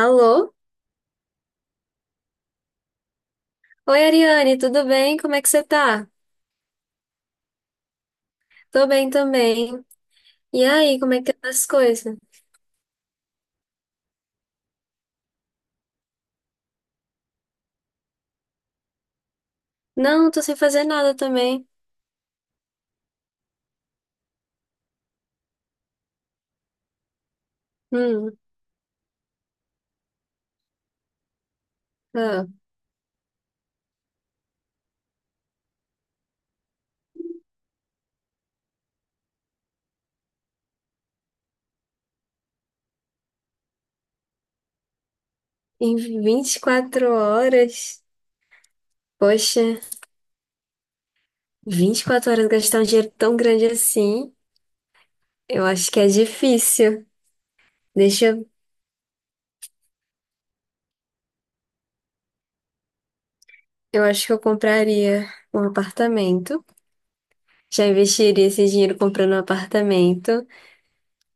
Alô? Oi, Ariane, tudo bem? Como é que você tá? Tô bem também. E aí, como é que tá as coisas? Não, tô sem fazer nada também. Hum, ah, em 24 horas? Poxa, 24 horas gastar um dinheiro tão grande assim, eu acho que é difícil. Deixa eu, eu acho que eu compraria um apartamento. Já investiria esse dinheiro comprando um apartamento.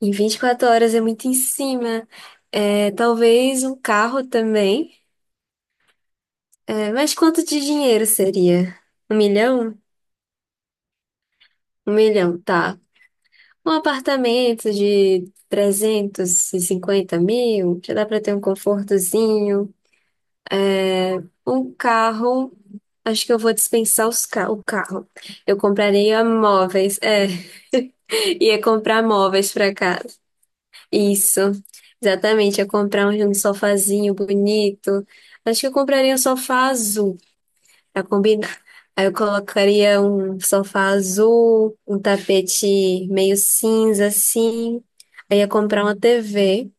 Em 24 horas é muito em cima. É, talvez um carro também. É, mas quanto de dinheiro seria? 1 milhão? Um milhão, tá. Um apartamento de 350 mil, já dá pra ter um confortozinho. Um carro, acho que eu vou dispensar os ca o carro. Eu compraria móveis, é, ia comprar móveis pra casa. Isso, exatamente, ia comprar um sofazinho bonito. Acho que eu compraria um sofá azul. Pra combinar. Aí eu colocaria um sofá azul, um tapete meio cinza assim. Aí ia comprar uma TV.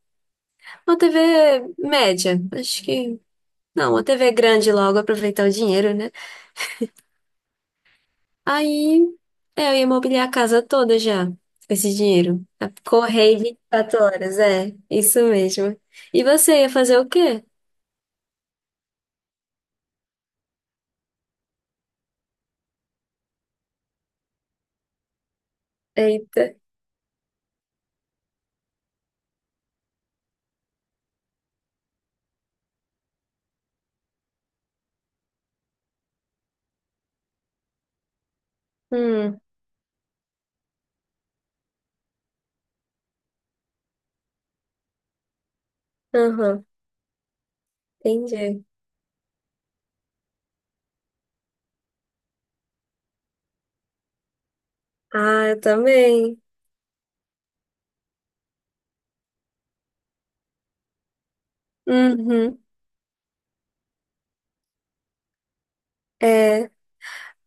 Uma TV média, acho que. Não, uma TV grande logo, aproveitar o dinheiro, né? Aí é, eu ia mobiliar a casa toda já, com esse dinheiro. Correr vinte e quatro horas, é, isso mesmo. E você ia fazer o quê? Eita. Hum, aham, entendi. Ah, eu também. Uhum. É,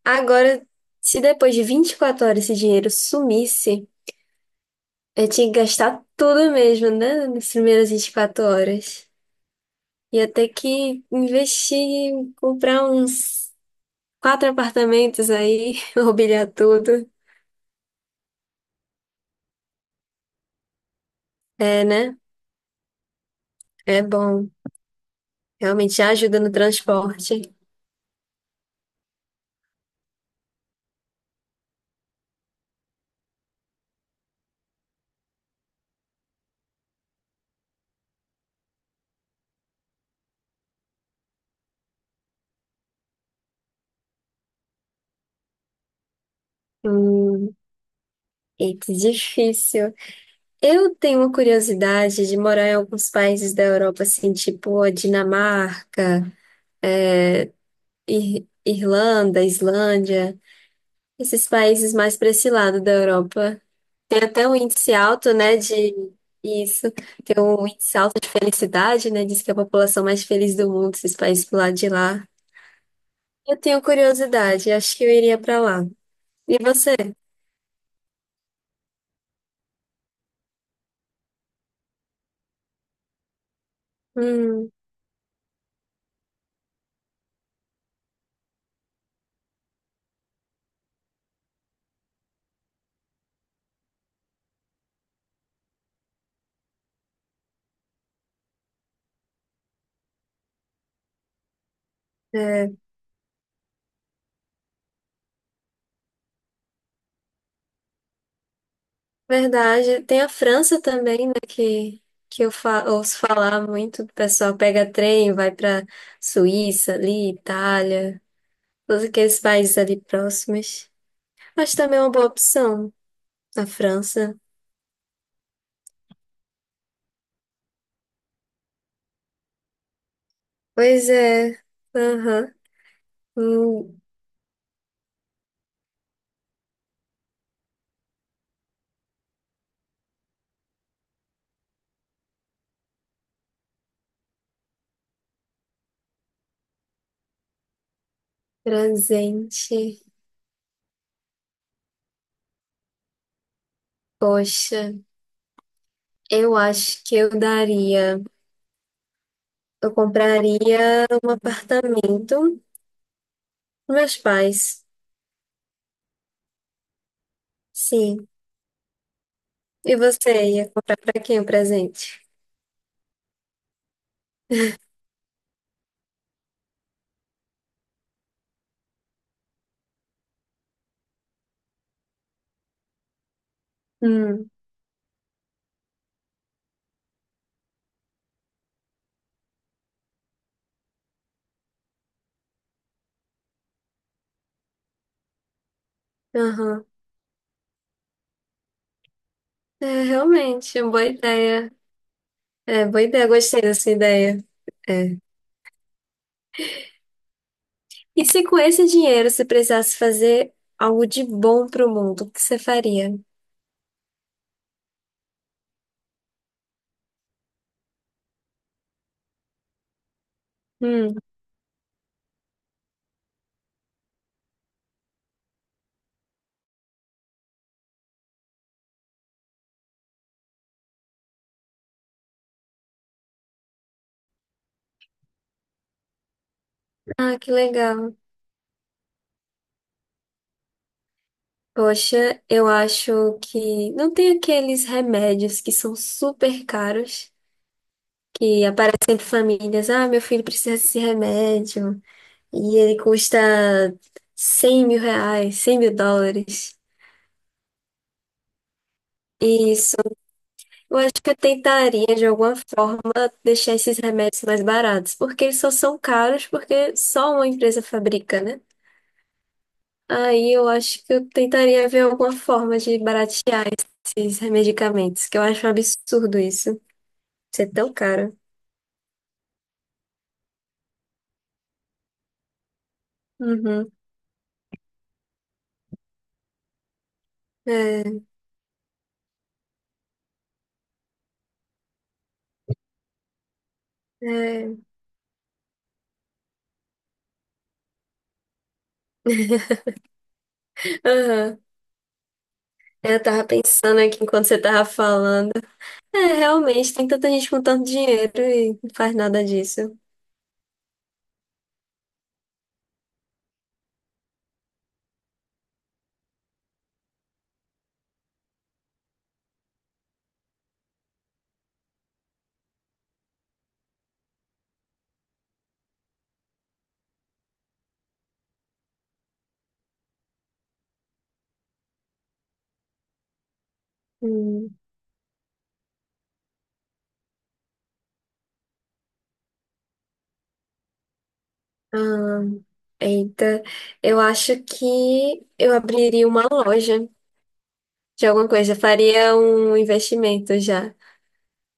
agora, se depois de 24 horas esse dinheiro sumisse, eu tinha que gastar tudo mesmo, né? Nas primeiras 24 horas. Ia ter que investir, comprar uns 4 apartamentos aí, mobiliar tudo. É, né? É bom. Realmente já ajuda no transporte. Hum, eita, difícil. Eu tenho uma curiosidade de morar em alguns países da Europa, assim, tipo a Dinamarca, Irlanda, Islândia. Esses países mais para esse lado da Europa. Tem até um índice alto, né, de isso. Tem um índice alto de felicidade, né? Diz que é a população mais feliz do mundo, esses países pro lado de lá. Eu tenho curiosidade, acho que eu iria para lá. E você? Hum, é verdade. Tem a França também, né, que eu fa ouço falar muito. O pessoal pega trem, vai para Suíça, ali, Itália, todos aqueles países ali próximos. Acho também uma boa opção. Na França? Pois é. Aham. Um presente. Poxa, eu acho que eu daria. Eu compraria um apartamento com meus pais. Sim. E você ia comprar pra quem o presente? Hum. Aham. É realmente, uma boa ideia. É, boa ideia. Gostei dessa ideia. É. E se com esse dinheiro você precisasse fazer algo de bom pro mundo, o que você faria? Hum. Ah, que legal. Poxa, eu acho que não tem aqueles remédios que são super caros, que aparecem para famílias. Ah, meu filho precisa desse remédio e ele custa 100 mil reais, 100 mil dólares. Isso. Eu acho que eu tentaria, de alguma forma, deixar esses remédios mais baratos, porque eles só são caros porque só uma empresa fabrica, né? Aí eu acho que eu tentaria ver alguma forma de baratear esses medicamentos, que eu acho um absurdo isso. Ser tão caro. Uhum. É, é. Aham. É, eu tava pensando aqui enquanto você tava falando. É, realmente, tem tanta gente com tanto dinheiro e não faz nada disso. Hum. Ah, eita, eu acho que eu abriria uma loja de alguma coisa. Faria um investimento já.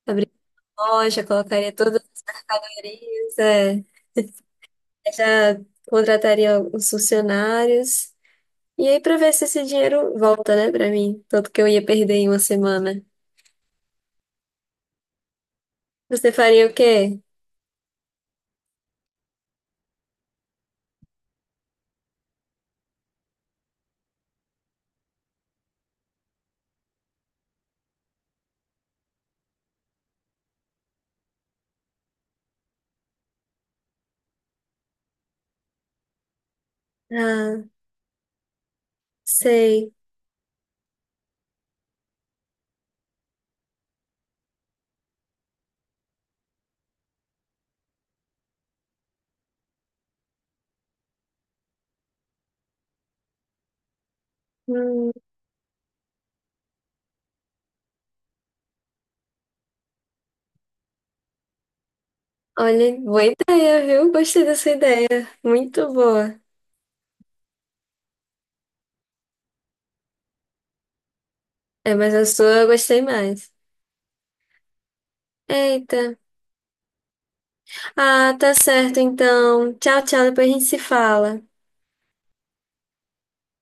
Abriria uma loja, colocaria todas as mercadorias, é. Já contrataria os funcionários. E aí, pra ver se esse dinheiro volta, né, pra mim. Tanto que eu ia perder em 1 semana. Você faria o quê? Ah, sei. Hum, olha, boa ideia, viu? Gostei dessa ideia. Muito boa. É, mas a sua eu gostei mais. Eita. Ah, tá certo, então. Tchau, tchau. Depois a gente se fala.